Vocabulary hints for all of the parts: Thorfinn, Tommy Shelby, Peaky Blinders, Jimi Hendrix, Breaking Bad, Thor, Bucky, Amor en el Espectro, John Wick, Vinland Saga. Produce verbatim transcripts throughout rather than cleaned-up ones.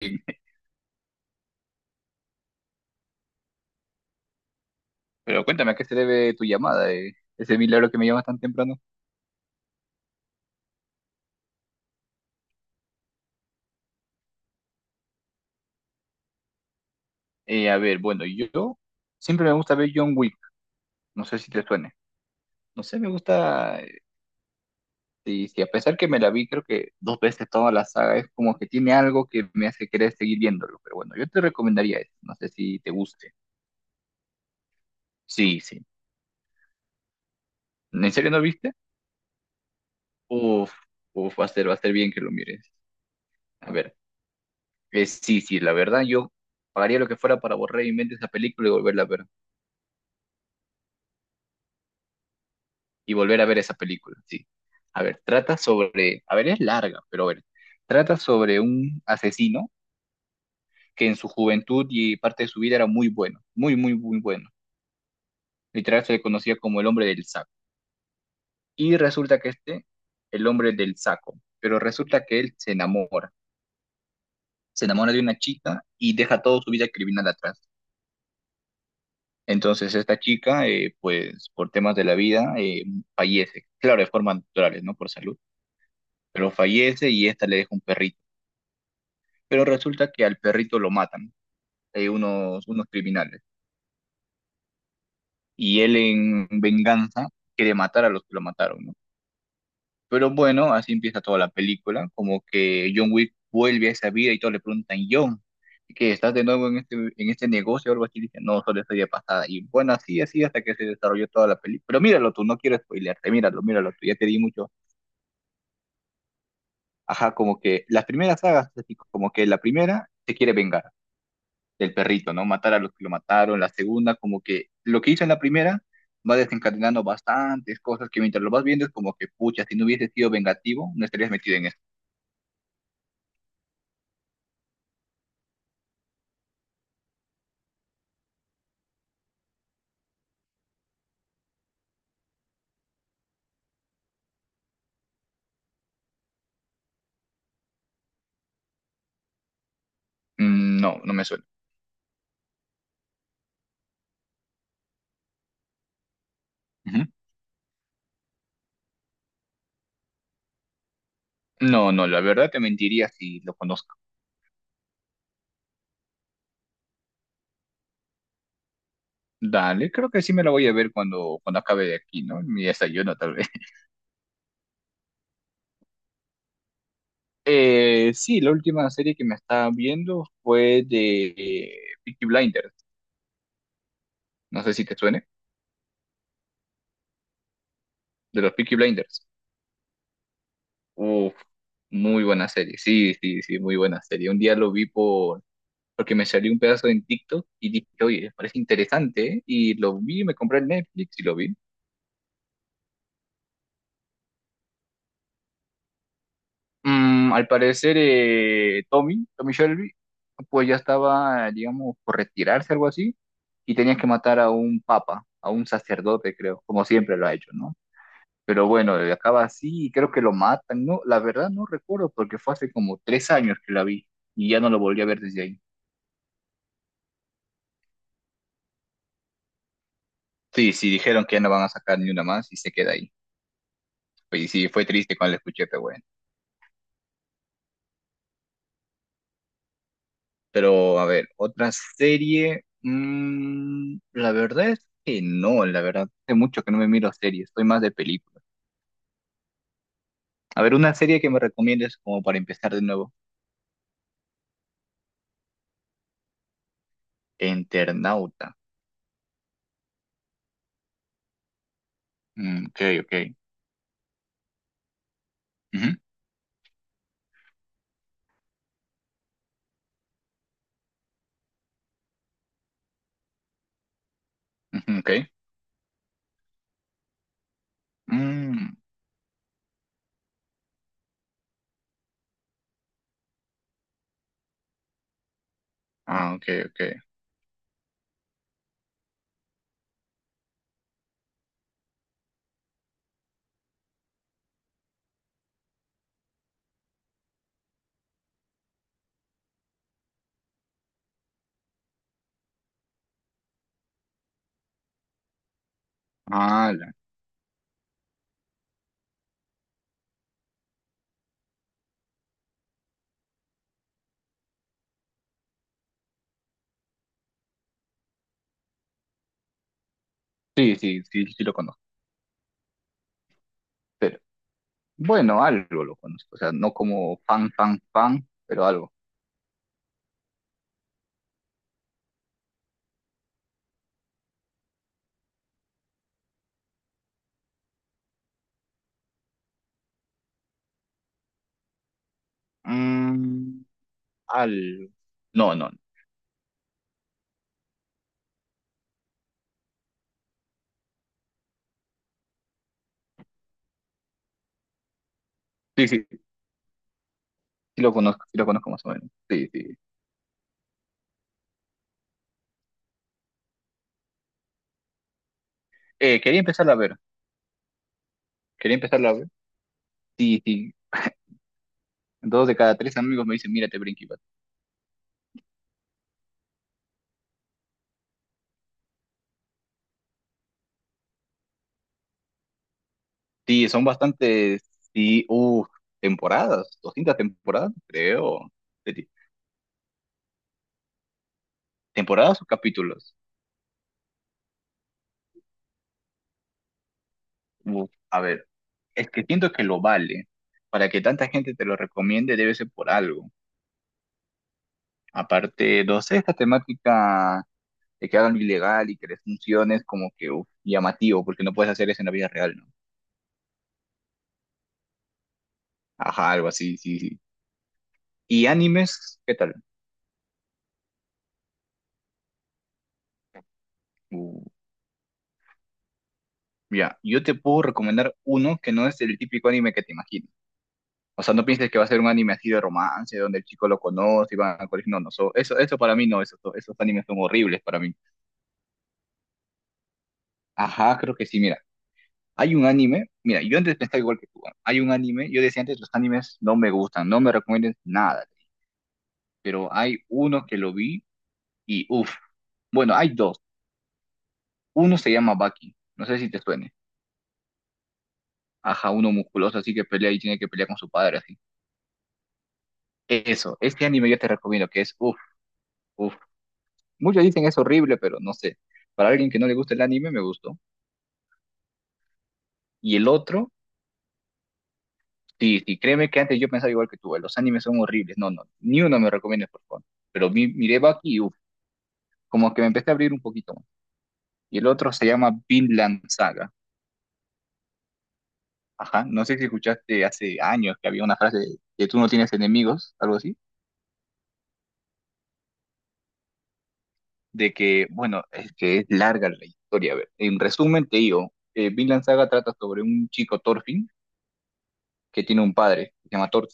Bien. Pero cuéntame, ¿a qué se debe tu llamada? ¿Eh? Ese milagro que me llamas tan temprano. Eh, a ver, bueno, yo siempre me gusta ver John Wick. No sé si te suene. No sé, me gusta. eh, Y si a pesar que me la vi, creo que dos veces toda la saga, es como que tiene algo que me hace querer seguir viéndolo. Pero bueno, yo te recomendaría eso. No sé si te guste. Sí, sí. ¿En serio no viste? Uf, uf, va a ser, va a ser bien que lo mires. A ver, eh, sí, sí, la verdad, yo pagaría lo que fuera para borrar mi mente esa película y volverla a ver. Y volver a ver esa película, sí. A ver, trata sobre, a ver, es larga, pero a ver, trata sobre un asesino que en su juventud y parte de su vida era muy bueno, muy, muy, muy bueno. Literal se le conocía como el hombre del saco. Y resulta que este, el hombre del saco, pero resulta que él se enamora, se enamora de una chica y deja toda su vida criminal atrás. Entonces esta chica, eh, pues por temas de la vida, eh, fallece, claro, de forma natural, ¿no? Por salud, pero fallece y esta le deja un perrito, pero resulta que al perrito lo matan, eh, unos, unos criminales, y él en venganza quiere matar a los que lo mataron, ¿no? Pero bueno, así empieza toda la película, como que John Wick vuelve a esa vida y todos le preguntan, John, ¿qué estás de nuevo en este, en este negocio o algo así? Dice, no, solo estoy de pasada. Y bueno, así, así hasta que se desarrolló toda la película. Pero míralo tú, no quiero spoilearte, míralo, míralo tú, ya te di mucho. Ajá, como que las primeras sagas, así como que la primera se quiere vengar del perrito, ¿no? Matar a los que lo mataron. La segunda, como que lo que hizo en la primera va desencadenando bastantes cosas que mientras lo vas viendo es como que, pucha, si no hubiese sido vengativo, no estarías metido en esto. Mm, no, no me suena. Ujú. No, no, la verdad te mentiría si lo conozco. Dale, creo que sí me la voy a ver cuando, cuando acabe de aquí, ¿no? Mi desayuno, tal vez. Eh, sí, la última serie que me estaba viendo fue de eh, Peaky Blinders. No sé si te suene, de los Peaky Blinders. Uf, Muy buena serie, sí, sí, sí, muy buena serie. Un día lo vi por, porque me salió un pedazo en TikTok y dije, oye, parece interesante, ¿eh? Y lo vi, me compré el Netflix y lo vi. Mm, al parecer, eh, Tommy, Tommy Shelby, pues ya estaba, digamos, por retirarse, algo así, y tenía que matar a un papa, a un sacerdote, creo, como siempre lo ha hecho, ¿no? Pero bueno, eh, acaba así y creo que lo matan, ¿no? La verdad no recuerdo porque fue hace como tres años que la vi y ya no lo volví a ver desde ahí. Sí, sí, dijeron que ya no van a sacar ni una más y se queda ahí. Pues sí, fue triste cuando la escuché, pero bueno. Pero a ver, otra serie. Mm, la verdad es que no, la verdad. Hace mucho que no me miro series, estoy más de películas. A ver, una serie que me recomiendes como para empezar de nuevo. Internauta. Mm, ok, ok. Ujú, ujú, ok. Mm, ah, ok, ok. Ala. Sí, sí, sí, sí lo conozco. Pero bueno, algo lo conozco. O sea, no como fan, fan, fan, pero algo. Mm, al... No, no, sí, sí, sí lo conozco, sí lo conozco más o menos. Sí, sí. Eh, quería empezarla a ver, quería empezarla a ver. Sí, sí. Dos de cada tres amigos me dicen, mírate Breaking Bad. Sí, son bastantes, sí, uff, temporadas, doscientas temporadas, creo. Sí, ¿temporadas o capítulos? Uf, a ver, es que siento que lo vale. Para que tanta gente te lo recomiende debe ser por algo. Aparte, no sé, esta temática de que hagan lo ilegal y que les funcione es como que uf, llamativo, porque no puedes hacer eso en la vida real, ¿no? Ajá, algo así, sí, sí. ¿Y animes? ¿Qué tal? Uh, ya, yo te puedo recomendar uno que no es el típico anime que te imaginas. O sea, no pienses que va a ser un anime así de romance, donde el chico lo conoce y van al colegio. No, no, so- eso, eso para mí no, esos, esos animes son horribles para mí. Ajá, creo que sí, mira. Hay un anime, mira, yo antes pensaba igual que tú. ¿Ah? Hay un anime, yo decía antes, los animes no me gustan, no me recomiendan nada. Pero hay uno que lo vi y uff, bueno, hay dos. Uno se llama Bucky, no sé si te suene. Ajá, uno musculoso así que pelea y tiene que pelear con su padre así. Eso, este anime yo te recomiendo que es uff, uff. Muchos dicen es horrible, pero no sé. Para alguien que no le gusta el anime, me gustó. Y el otro, sí, sí, créeme que antes yo pensaba igual que tú, eh, los animes son horribles. No, no, ni uno me recomiendas, por favor. Pero mi- miré Bucky y uff, como que me empecé a abrir un poquito más. Y el otro se llama Vinland Saga. Ajá, no sé si escuchaste hace años que había una frase de que tú no tienes enemigos, algo así. De que, bueno, es que es larga la historia. A ver, en resumen te digo, eh, Vinland Saga trata sobre un chico Thorfinn que tiene un padre, que se llama Thor,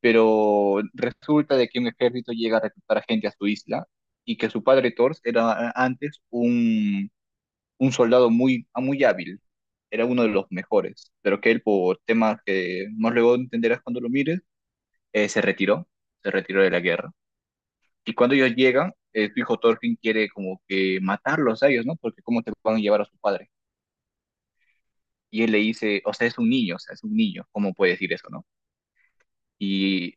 pero resulta de que un ejército llega a reclutar a gente a su isla y que su padre Thor era eh, antes un, un soldado muy, muy hábil, era uno de los mejores, pero que él por temas que más luego entenderás cuando lo mires, eh, se retiró, se retiró de la guerra. Y cuando ellos llegan, eh, tu hijo Thorfinn quiere como que matarlos a ellos, ¿no? Porque cómo te van a llevar a su padre. Y él le dice, o sea, es un niño, o sea, es un niño, ¿cómo puede decir eso, no? Y,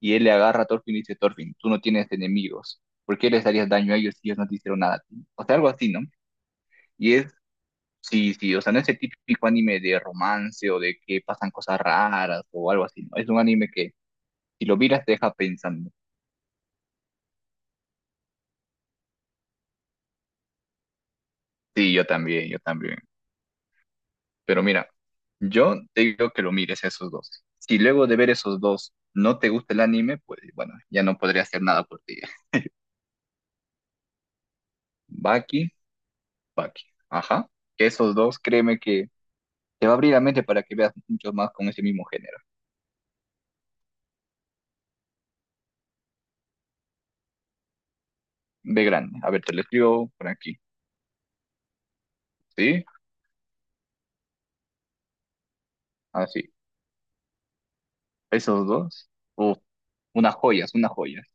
y él le agarra a Thorfinn y dice, Thorfinn, tú no tienes enemigos, ¿por qué les harías daño a ellos si ellos no te hicieron nada a ti? O sea, algo así, ¿no? Y es, sí, sí, o sea, no es el típico anime de romance o de que pasan cosas raras o algo así, ¿no? Es un anime que si lo miras te deja pensando. Sí, yo también, yo también. Pero mira, yo te digo que lo mires a esos dos. Si luego de ver esos dos no te gusta el anime, pues bueno, ya no podría hacer nada por ti. Baki, Baki. Ajá. Esos dos, créeme que te va a abrir la mente para que veas muchos más con ese mismo género. Ve grande. A ver, te lo escribo por aquí. ¿Sí? Así. Esos dos. Uf, unas joyas, unas joyas.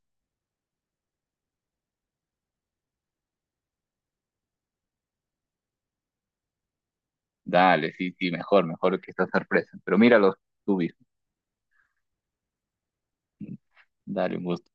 Dale, sí, sí, mejor, mejor que esta sorpresa. Pero míralos tú mismo. Dale, un gusto.